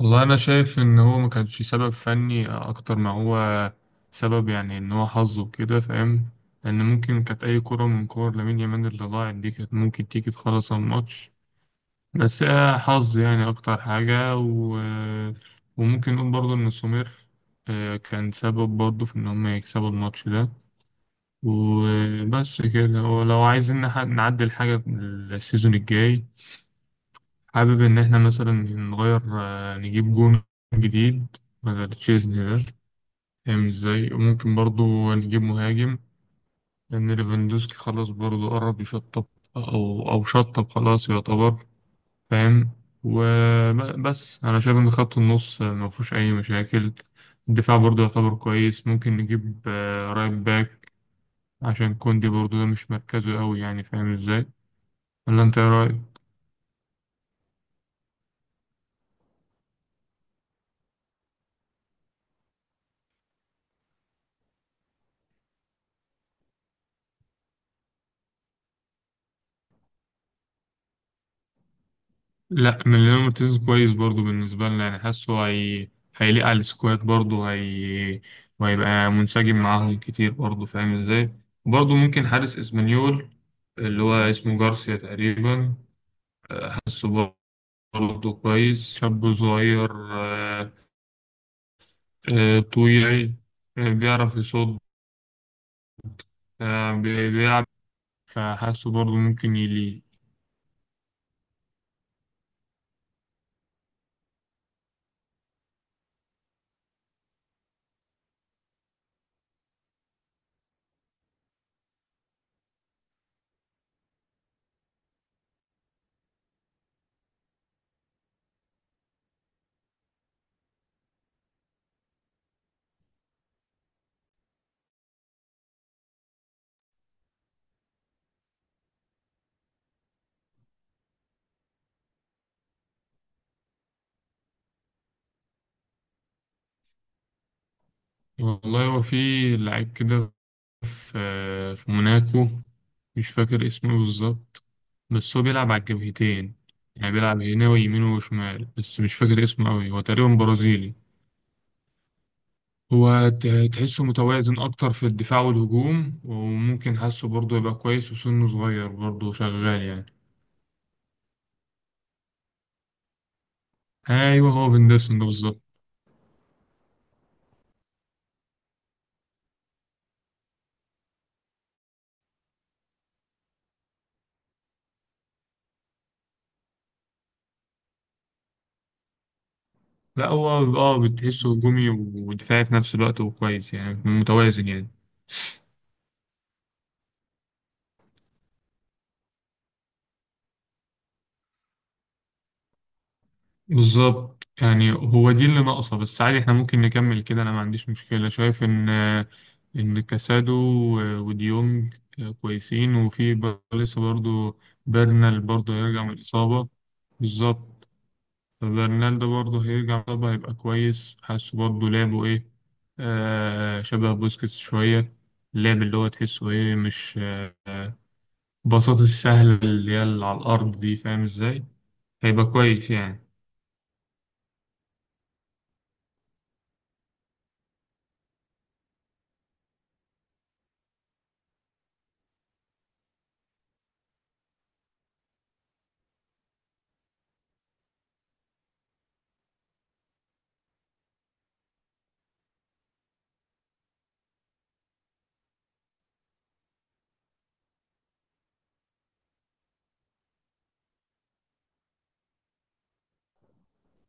والله أنا شايف إن هو ما كانش سبب فني أكتر ما هو سبب، يعني إن هو حظ وكده، فاهم؟ لأن ممكن كانت أي كرة من كور لامين يامال اللي ضاعت دي كانت ممكن تيجي تخلص الماتش. بس آه حظ يعني أكتر حاجة. وممكن نقول برضه إن سومير، كان سبب برضه في إن هم يكسبوا الماتش ده. وبس كده، ولو عايزين نعدل حاجة السيزون الجاي، حابب إن إحنا مثلا نغير، نجيب جون جديد بدل تشيزني ده، فاهم إزاي. وممكن برضو نجيب مهاجم لأن ليفاندوسكي خلاص برضو قرب يشطب، أو شطب خلاص يعتبر، فاهم. وبس أنا شايف إن خط النص ما فيهوش أي مشاكل. الدفاع برضو يعتبر كويس، ممكن نجيب رايت باك، عشان كوندي برضو ده مش مركزه أوي، يعني فاهم إزاي. ولا أنت إيه رأيك؟ لا، مليان مارتينيز كويس برضو بالنسبة لنا، يعني حاسه. هيليق على السكواد برضو. وهيبقى منسجم معاهم كتير برضو، فاهم ازاي. وبرضو ممكن حارس اسبانيول اللي هو اسمه جارسيا تقريبا. حاسه برضو كويس، شاب صغير، طويل، بيعرف يصد، بيلعب، فحاسه برضو ممكن يليق. والله هو في لعيب كده، في في موناكو، مش فاكر اسمه بالظبط، بس هو بيلعب على الجبهتين. يعني بيلعب هنا ويمين وشمال، بس مش فاكر اسمه أوي، هو تقريبا برازيلي. هو ت- تحسه متوازن أكتر في الدفاع والهجوم، وممكن حاسه برضه يبقى كويس، وسنه صغير برضه شغال يعني. أيوه، هو فيندرسون ده بالظبط. لا، هو اه بتحسه هجومي ودفاعي في نفس الوقت، وكويس يعني متوازن يعني. بالظبط، يعني هو دي اللي ناقصة، بس عادي احنا ممكن نكمل كده، انا ما عنديش مشكلة، شايف ان كاسادو وديونج كويسين، وفي لسه برضو. برنال برضو هيرجع من الإصابة. بالظبط. برنال ده برضو هيرجع من الإصابة، هيبقى كويس، حاسه برضو لعبه ايه، شبه بوسكيتس شوية، اللعب اللي هو تحسه ايه، مش آه بساطة السهلة اللي هي اللي على الأرض دي، فاهم ازاي. هيبقى كويس يعني.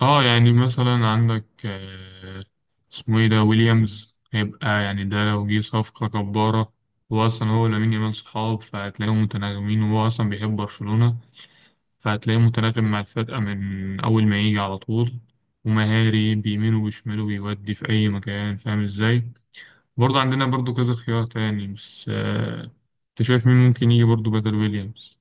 اه، يعني مثلا عندك، اسمه ايه ده، ويليامز، هيبقى يعني ده لو جه صفقة جبارة. هو أصلا، هو ولامين يامال صحاب، فهتلاقيهم متناغمين، وهو أصلا بيحب برشلونة، فهتلاقيه متناغم مع الفرقة من أول ما يجي على طول، ومهاري بيمين وبيشمال وبيودي في أي مكان، فاهم ازاي. برضه عندنا برضه كذا خيار تاني، بس أنت شايف مين ممكن يجي برضه بدل ويليامز؟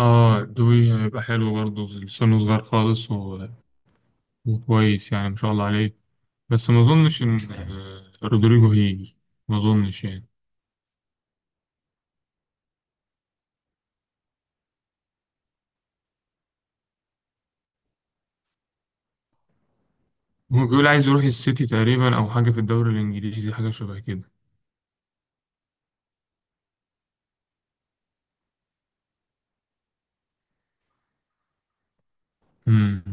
اه، دوي هيبقى حلو برضه، لسانه صغير خالص. وكويس يعني، ما شاء الله عليه. بس ما اظنش ان رودريجو هيجي، ما اظنش يعني. هو بيقول عايز يروح السيتي تقريبا، او حاجه في الدوري الانجليزي، حاجه شبه كده. امم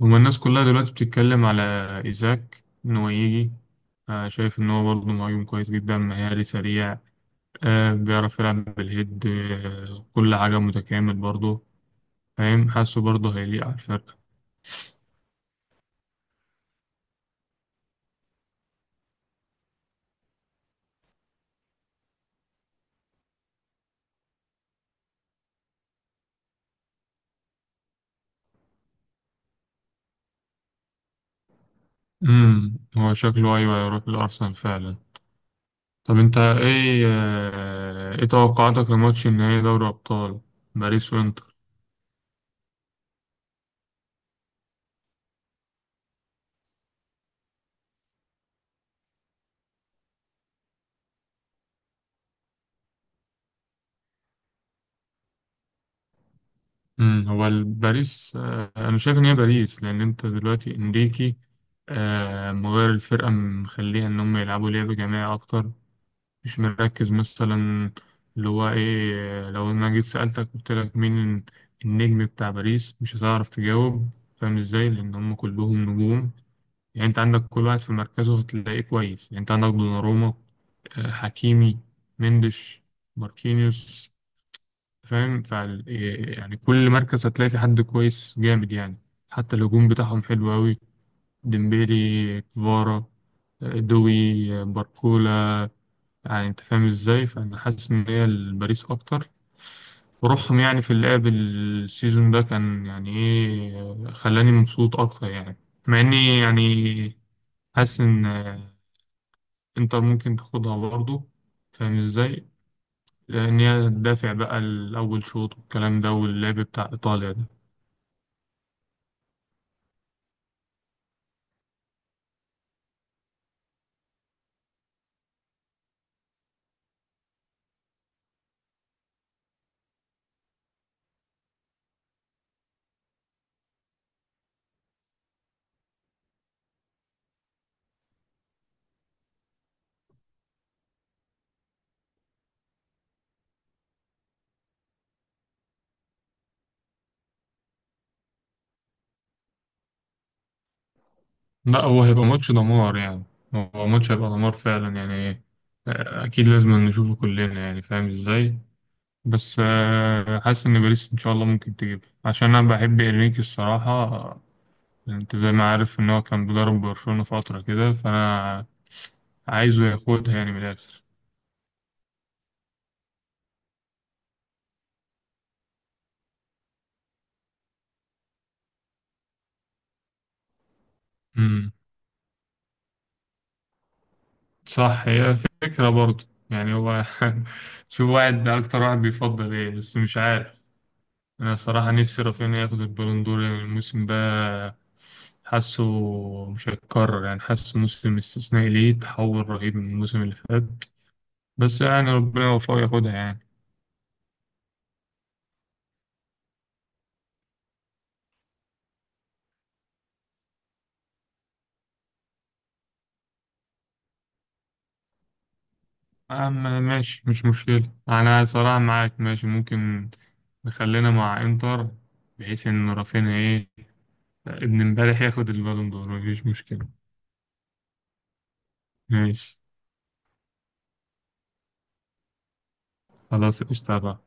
هما الناس كلها دلوقتي بتتكلم على ايزاك ان هو يجي. شايف ان هو برضه مهاجم كويس جدا، مهاري سريع، بيعرف يلعب بالهيد، كل حاجه متكامل برضه، فاهم، حاسه برضه هيليق على الفرقه. هو شكله ايوه، هيروح الارسنال فعلا. طب انت ايه توقعاتك لماتش النهائي دوري ابطال، باريس وانتر؟ هو باريس، انا شايف ان هي باريس، لان انت دلوقتي انريكي مغير الفرقه، مخليها ان هم يلعبوا لعب جماعي اكتر، مش مركز مثلا اللي هو ايه. لو انا جيت سالتك قلت لك مين النجم بتاع باريس مش هتعرف تجاوب، فاهم ازاي، لان هم كلهم نجوم. يعني انت عندك كل واحد في مركزه هتلاقيه كويس، يعني انت عندك دوناروما، حكيمي، مندش، ماركينيوس، فاهم. فال يعني كل مركز هتلاقي في حد كويس جامد يعني، حتى الهجوم بتاعهم حلو أوي، ديمبيلي، كفارا، دوي، باركولا، يعني انت فاهم ازاي. فانا حاسس ان هي الباريس اكتر، وروحهم يعني في اللعب السيزون ده كان يعني ايه، خلاني مبسوط اكتر يعني. مع اني يعني حاسس ان انتر ممكن تاخدها برضه، فاهم ازاي، ان هي تدافع بقى الاول شوط والكلام ده واللعب بتاع ايطاليا ده. لا، هو هيبقى ماتش دمار يعني، هو ماتش هيبقى دمار فعلا يعني. اكيد لازم نشوفه كلنا يعني، فاهم ازاي. بس حاسس ان باريس ان شاء الله ممكن تجيب، عشان انا بحب انريكي الصراحه. انت زي ما عارف ان هو كان بيدرب برشلونه فتره كده، فانا عايزه ياخدها يعني من الاخر. امم، صح، هي فكره برضه، يعني هو شوف واحد اكتر واحد بيفضل ايه، بس مش عارف. أنا صراحة نفسي رافينيا ياخد البالون دور يعني الموسم ده، حاسه مش هيتكرر يعني، حاسه موسم استثنائي ليه، تحول رهيب من الموسم اللي فات، بس يعني ربنا يوفقه ياخدها يعني. أما ماشي، مش مشكلة، أنا صراحة معاك، ماشي ممكن نخلينا مع إنتر، بحيث إن رافينيا إيه ابن امبارح ياخد البالون دور، مفيش مشكلة. ماشي. خلاص قشطة بقى.